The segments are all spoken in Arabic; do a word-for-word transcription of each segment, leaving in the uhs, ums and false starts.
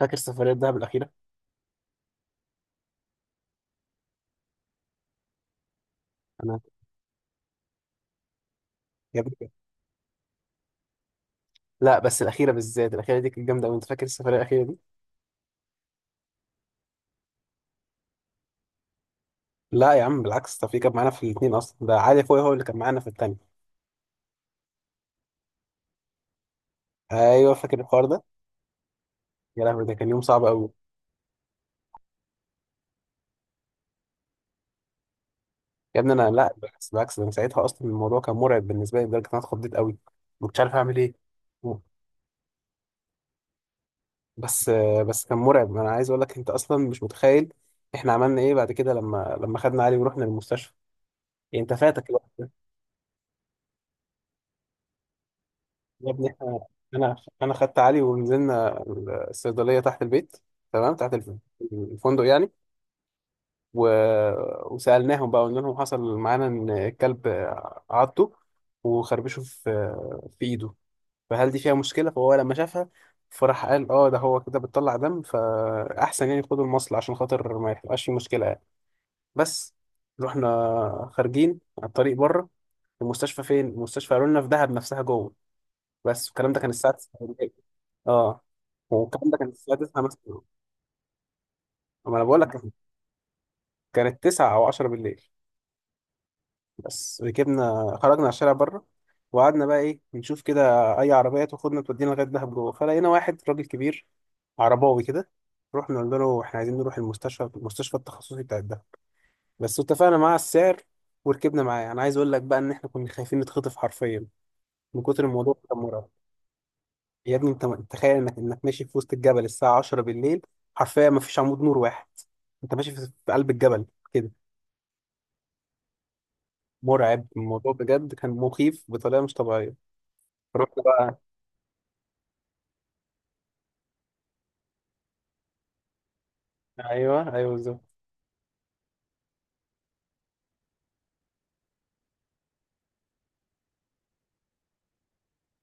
فاكر السفرية دهب الأخيرة؟ أنا يا ابني لا، بس الأخيرة بالذات، الأخيرة دي كانت جامدة أوي. أنت فاكر السفرية الأخيرة دي؟ لا يا عم، بالعكس، ده في كان معانا في الاتنين أصلا، ده علي أخويا هو اللي كان معانا في التانية. أيوه، فاكر الحوار ده؟ يا لهوي، ده كان يوم صعب أوي. يا ابني أنا لا، بالعكس بالعكس، ده أنا ساعتها أصلا الموضوع كان مرعب بالنسبة لي لدرجة إن أنا اتخضيت أوي. ما كنتش عارف أعمل إيه. بس بس كان مرعب، أنا عايز أقول لك أنت أصلا مش متخيل إحنا عملنا إيه بعد كده لما لما خدنا علي ورحنا المستشفى. يعني أنت فاتك. يا ابني احنا، انا انا خدت علي ونزلنا الصيدليه تحت البيت، تمام، تحت الف- الفندق يعني. و... وسالناهم بقى، قلنا لهم حصل معانا ان الكلب عضه وخربشه في في ايده، فهل دي فيها مشكله؟ فهو لما شافها، فراح قال اه، ده هو كده بتطلع دم، فاحسن يعني خدوا المصل عشان خاطر ما يبقاش في مشكله يعني. بس رحنا خارجين على الطريق بره، المستشفى فين؟ المستشفى قالوا لنا في دهب نفسها جوه. بس الكلام ده كان الساعة تسعة بالليل. اه، والكلام ده كان الساعة تسعة مثلا. ما انا بقول لك كان- كانت تسعة او عشرة بالليل. بس ركبنا خرجنا على الشارع بره، وقعدنا بقى ايه، نشوف كده اي عربية تاخدنا تودينا لغاية دهب جوه. فلقينا واحد راجل كبير عرباوي كده، رحنا قلنا له احنا عايزين نروح المستشفى، المستشفى التخصصي بتاع الدهب. بس اتفقنا معاه على السعر وركبنا معاه. انا عايز اقول لك بقى ان احنا كنا خايفين نتخطف حرفيا من كتر الموضوع، كان مرعب. يا ابني انت، تخيل انك انك ماشي في وسط الجبل الساعة عشرة بالليل، حرفيا ما فيش عمود نور واحد، انت ماشي في في قلب الجبل كده. مرعب الموضوع بجد، كان مخيف بطريقة مش طبيعية. رحت بقى، ايوه ايوه بالظبط.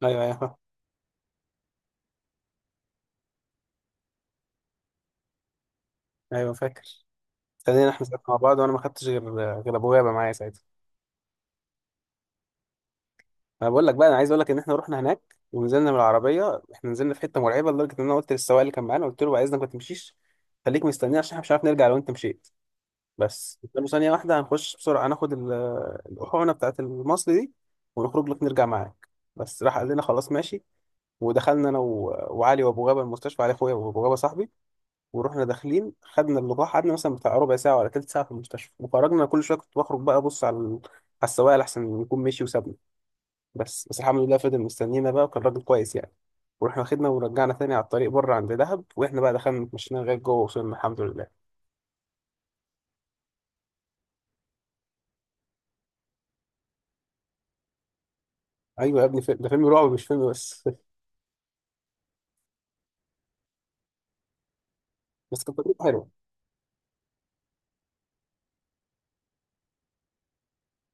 ايوه ايوه ايوه فاكر. خلينا احنا ساعتنا مع بعض وانا ما خدتش غير، غير ابويا بقى معايا ساعتها. انا بقول لك بقى، انا عايز اقول لك ان احنا رحنا هناك ونزلنا من العربية، احنا نزلنا في حتة مرعبة لدرجة ان انا قلت للسواق اللي كان معانا، قلت له بعد اذنك ما تمشيش، خليك مستنيني عشان احنا مش عارف نرجع لو انت مشيت. بس استنوا ثانية واحدة، هنخش بسرعة هناخد ال- الأحونة بتاعت المصل دي ونخرج لك نرجع معاك. بس راح قال لنا خلاص ماشي. ودخلنا أنا و- وعلي وأبو غابة المستشفى، علي أخويا وأبو غابة صاحبي. ورحنا داخلين خدنا اللقاح، قعدنا مثلا بتاع ربع ساعة ولا تلت ساعة في المستشفى وخرجنا. كل شوية كنت بخرج بقى أبص على ال- على السواق لأحسن يكون مشي وسابنا. بس بس الحمد لله فضل مستنينا بقى، وكان راجل كويس يعني. ورحنا واخدنا ورجعنا تاني على الطريق بره عند دهب، واحنا بقى دخلنا اتمشينا لغايه جوه، وصلنا الحمد لله. ايوه يا ابني، فيلم- ده فيلم رعب مش فيلم بس. بس كانت تجربة حلوة.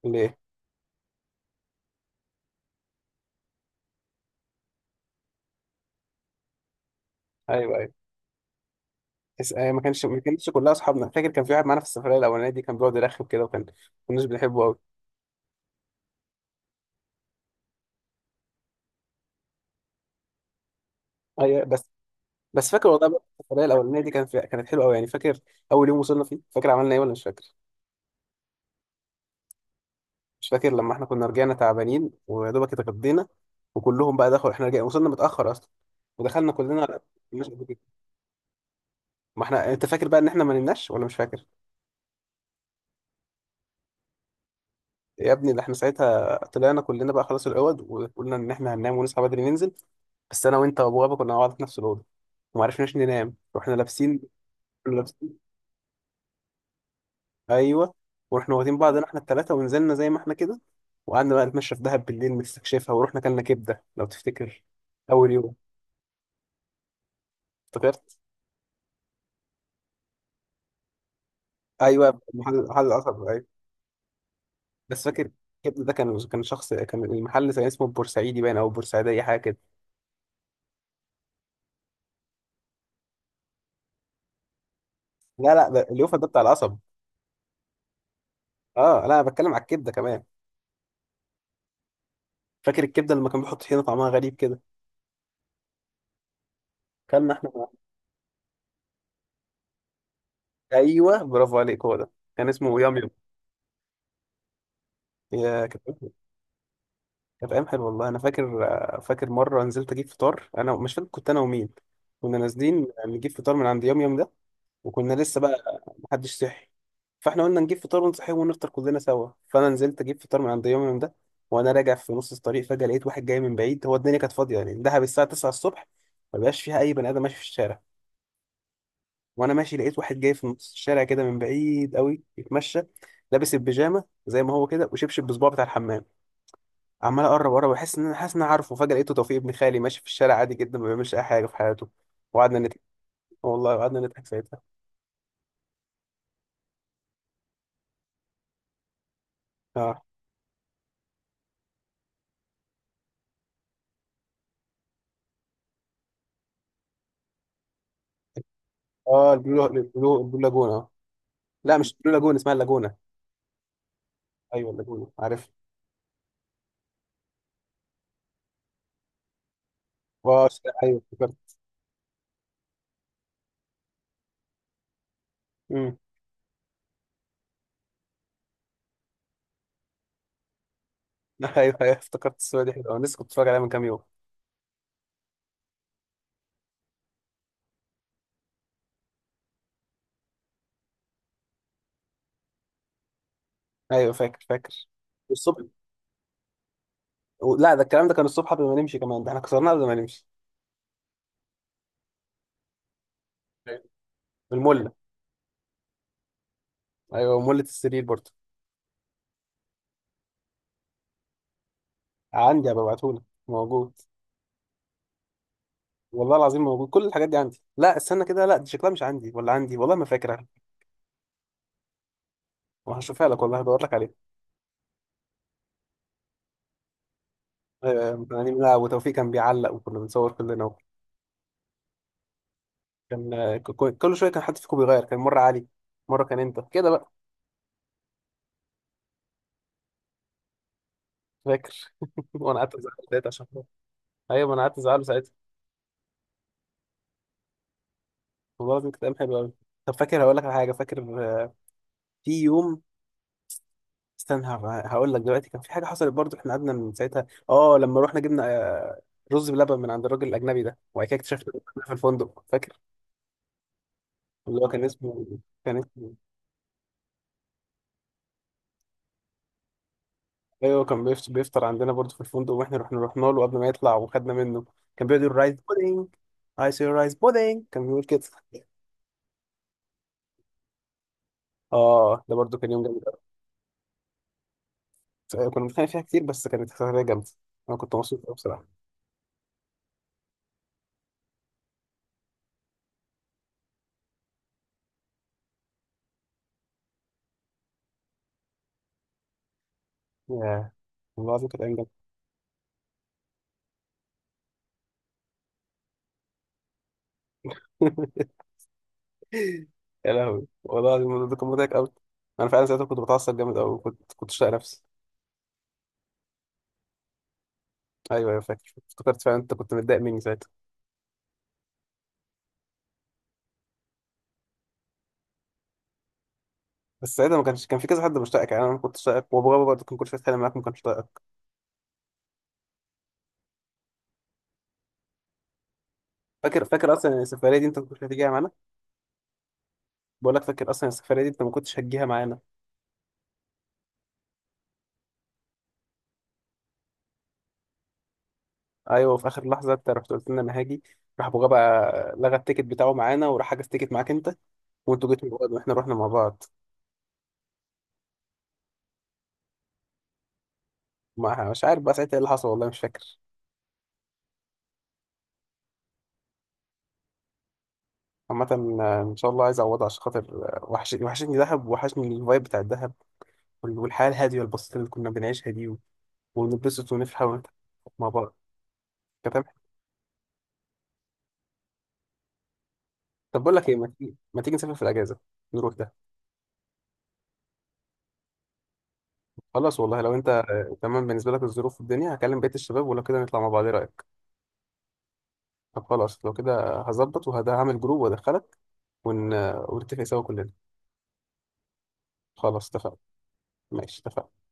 ليه؟ ايوه ايوه. بس آه، ما كانش ما كانتش كلها اصحابنا. فاكر كان في واحد معانا في السفرية الأولانية دي كان بيقعد يرخم كده، وكان ما كناش بنحبه قوي. ايوه، بس بس فاكر والله بقى السفرية الأولانية دي كان في... كانت حلوة قوي يعني. فاكر أول يوم وصلنا فيه، فاكر عملنا ايه ولا مش فاكر؟ مش فاكر لما احنا كنا رجعنا تعبانين ويا دوبك اتغدينا، وكلهم بقى دخلوا، احنا رجعنا وصلنا متأخر أصلا، ودخلنا كلنا على- مش- قد كده. ما احنا انت فاكر بقى ان احنا ما نمناش ولا مش فاكر؟ يا ابني ده احنا ساعتها طلعنا كلنا بقى خلاص العوض، وقلنا ان احنا هننام ونصحى بدري ننزل. بس انا وانت وابو غابه كنا مع بعض في نفس الاوضه، وما عرفناش ننام واحنا لابسين. كنا لابسين ايوه. ورحنا واخدين بعضنا احنا الثلاثه ونزلنا زي ما احنا كده، وقعدنا بقى نتمشى في دهب بالليل نستكشفها، ورحنا كلنا كبده لو تفتكر، اول يوم. افتكرت. ايوه محل، محل القصب ايوه. بس فاكر، كبده ده كان، كان شخص كان المحل كان اسمه بورسعيدي باين او بورسعيدي حاجه كده. لا لا، ده اليوفا ده بتاع القصب. اه لا، انا بتكلم على الكبده كمان. فاكر الكبده لما كان بيحط طحينه طعمها غريب كده. كلنا احنا مع- ايوه برافو عليك، هو ده. كان اسمه يام يام. يا كانت، كانت ايام حلوه والله انا فاكر. فاكر مره نزلت اجيب فطار، انا مش فاكر كنت انا ومين، كنا نازلين نجيب فطار من عند يام يام ده، وكنا لسه بقى محدش صحي. فاحنا قلنا نجيب فطار ونصحي ونفطر كلنا سوا. فانا نزلت اجيب فطار من عند يوم يوم ده، وانا راجع في نص الطريق فجاه لقيت واحد جاي من بعيد. هو الدنيا كانت فاضيه يعني، دهب الساعه تسعة الصبح ما بقاش فيها اي بني ادم ماشي في الشارع. وانا ماشي لقيت واحد جاي في نص الشارع كده من بعيد قوي بيتمشى، لابس البيجامه زي ما هو كده وشبشب بصباعه بتاع الحمام. عمال اقرب اقرب، احس ان انا حاسس ان انا عارفه، فجاه لقيته توفيق ابن خالي ماشي في الشارع عادي جدا ما بيعملش اي حاجه في حياته. وقعدنا نضحك. والله قعدنا نضحك ساعتها. اه اه، البلو البلو البلو لاجون اه. لا مش البلو لاجون، اسمها اللاجونه. ايوه اللاجونه، عارف. اه ش- ايوه افتكرت. امم. ايوه ايوه افتكرت الصوره دي حلوه، أنا لسه كنت بتفرج عليها من كام يوم. ايوه فاكر فاكر. الصبح، و- لا ده الكلام ده كان الصبح قبل ما نمشي كمان، ده احنا كسرناه قبل ما نمشي. المله. ايوه مله السرير برضه. عندي هبعتهولك، موجود. والله العظيم موجود كل الحاجات دي عندي. لا استنى كده، لا دي شكلها مش عندي ولا عندي والله، ما فاكر. هشوفها لك والله، هدور لك عليها. آه يعني، لا، وتوفيق كان بيعلق وكنا بنصور كلنا. كان آه، ك- ك- كل شويه كان حد فيكم بيغير، كان مره علي، مره كان انت كده بقى. فاكر. وانا قعدت ازعل ساعتها عشان خاطر، ايوه ما انا قعدت ازعله ساعتها. والله العظيم كانت ايام حلوه قوي. طب فاكر هقول لك على حاجه، فاكر آه، في يوم، استنى هف- هقول لك دلوقتي. كان في حاجه حصلت برضو، احنا قعدنا من ساعتها اه لما رحنا جبنا آه، رز بلبن من عند الراجل الاجنبي ده، وبعد كده اكتشفنا إنه كان في الفندق فاكر. اللي هو كان اسمه، كان اسمه. ايوه كان بيفط- بيفطر عندنا برضو في الفندق، واحنا رحنا، رحنا له قبل ما يطلع وخدنا منه. كان بيقعد يقول رايس بودينج، اي سي رايس بودينج كان بيقول كده. اه، ده برضو كان يوم جامد أوي. كنا بنتخانق فيها كتير بس كانت سفريه جامده، انا كنت مبسوط أوي بصراحه. ياه، والله العظيم كانت ايام جامده. يا لهوي والله العظيم الموضوع ده كان مضحك قوي. انا فعلا ساعتها كنت بتعصب جامد قوي، كنت كنت شايل نفسي. ايوه ايوه فاكر، افتكرت فعلا انت كنت متضايق مني ساعتها. بس ساعتها ما كانش، كان في كذا حد مشتاقك يعني، انا ما كنتش طايقك، وبابا برضه كان كل شويه يتكلم معاك، ما كانش طايقك. فاكر فاكر اصلا إن السفريه دي انت ما كنتش هتجيها معانا. بقول لك فاكر اصلا السفريه دي انت ما كنتش هتجيها معانا. ايوه في اخر لحظه انت رحت قلت لنا انا هاجي. راح ابو غابه لغى التيكت بتاعه معانا، وراح حجز تيكت معاك انت، وانتوا جيتوا من بعض واحنا رحنا مع بعض. ما مش عارف بقى ساعتها ايه اللي حصل والله، مش فاكر. عامة آه، إن شاء الله عايز أعوضها، عشان خاطر آه، وحشني، وحشتني دهب، وحشني الفايب بتاع الدهب وال- والحياة الهادية البسيطة اللي كنا بنعيشها دي و- ونتبسط ونفرح ونضحك مع بعض. تمام. طب بقول لك إيه، ما تيجي، ما تيجي نسافر في الأجازة، نروح ده. خلاص والله لو أنت آه، تمام بالنسبة لك الظروف والدنيا، هكلم بقية الشباب ولو كده نطلع مع بعض. إيه رأيك؟ طب خلاص لو كده هظبط وهعمل جروب وأدخلك، ون... آه، ونتفق سوا كلنا. خلاص اتفقنا. ماشي اتفقنا.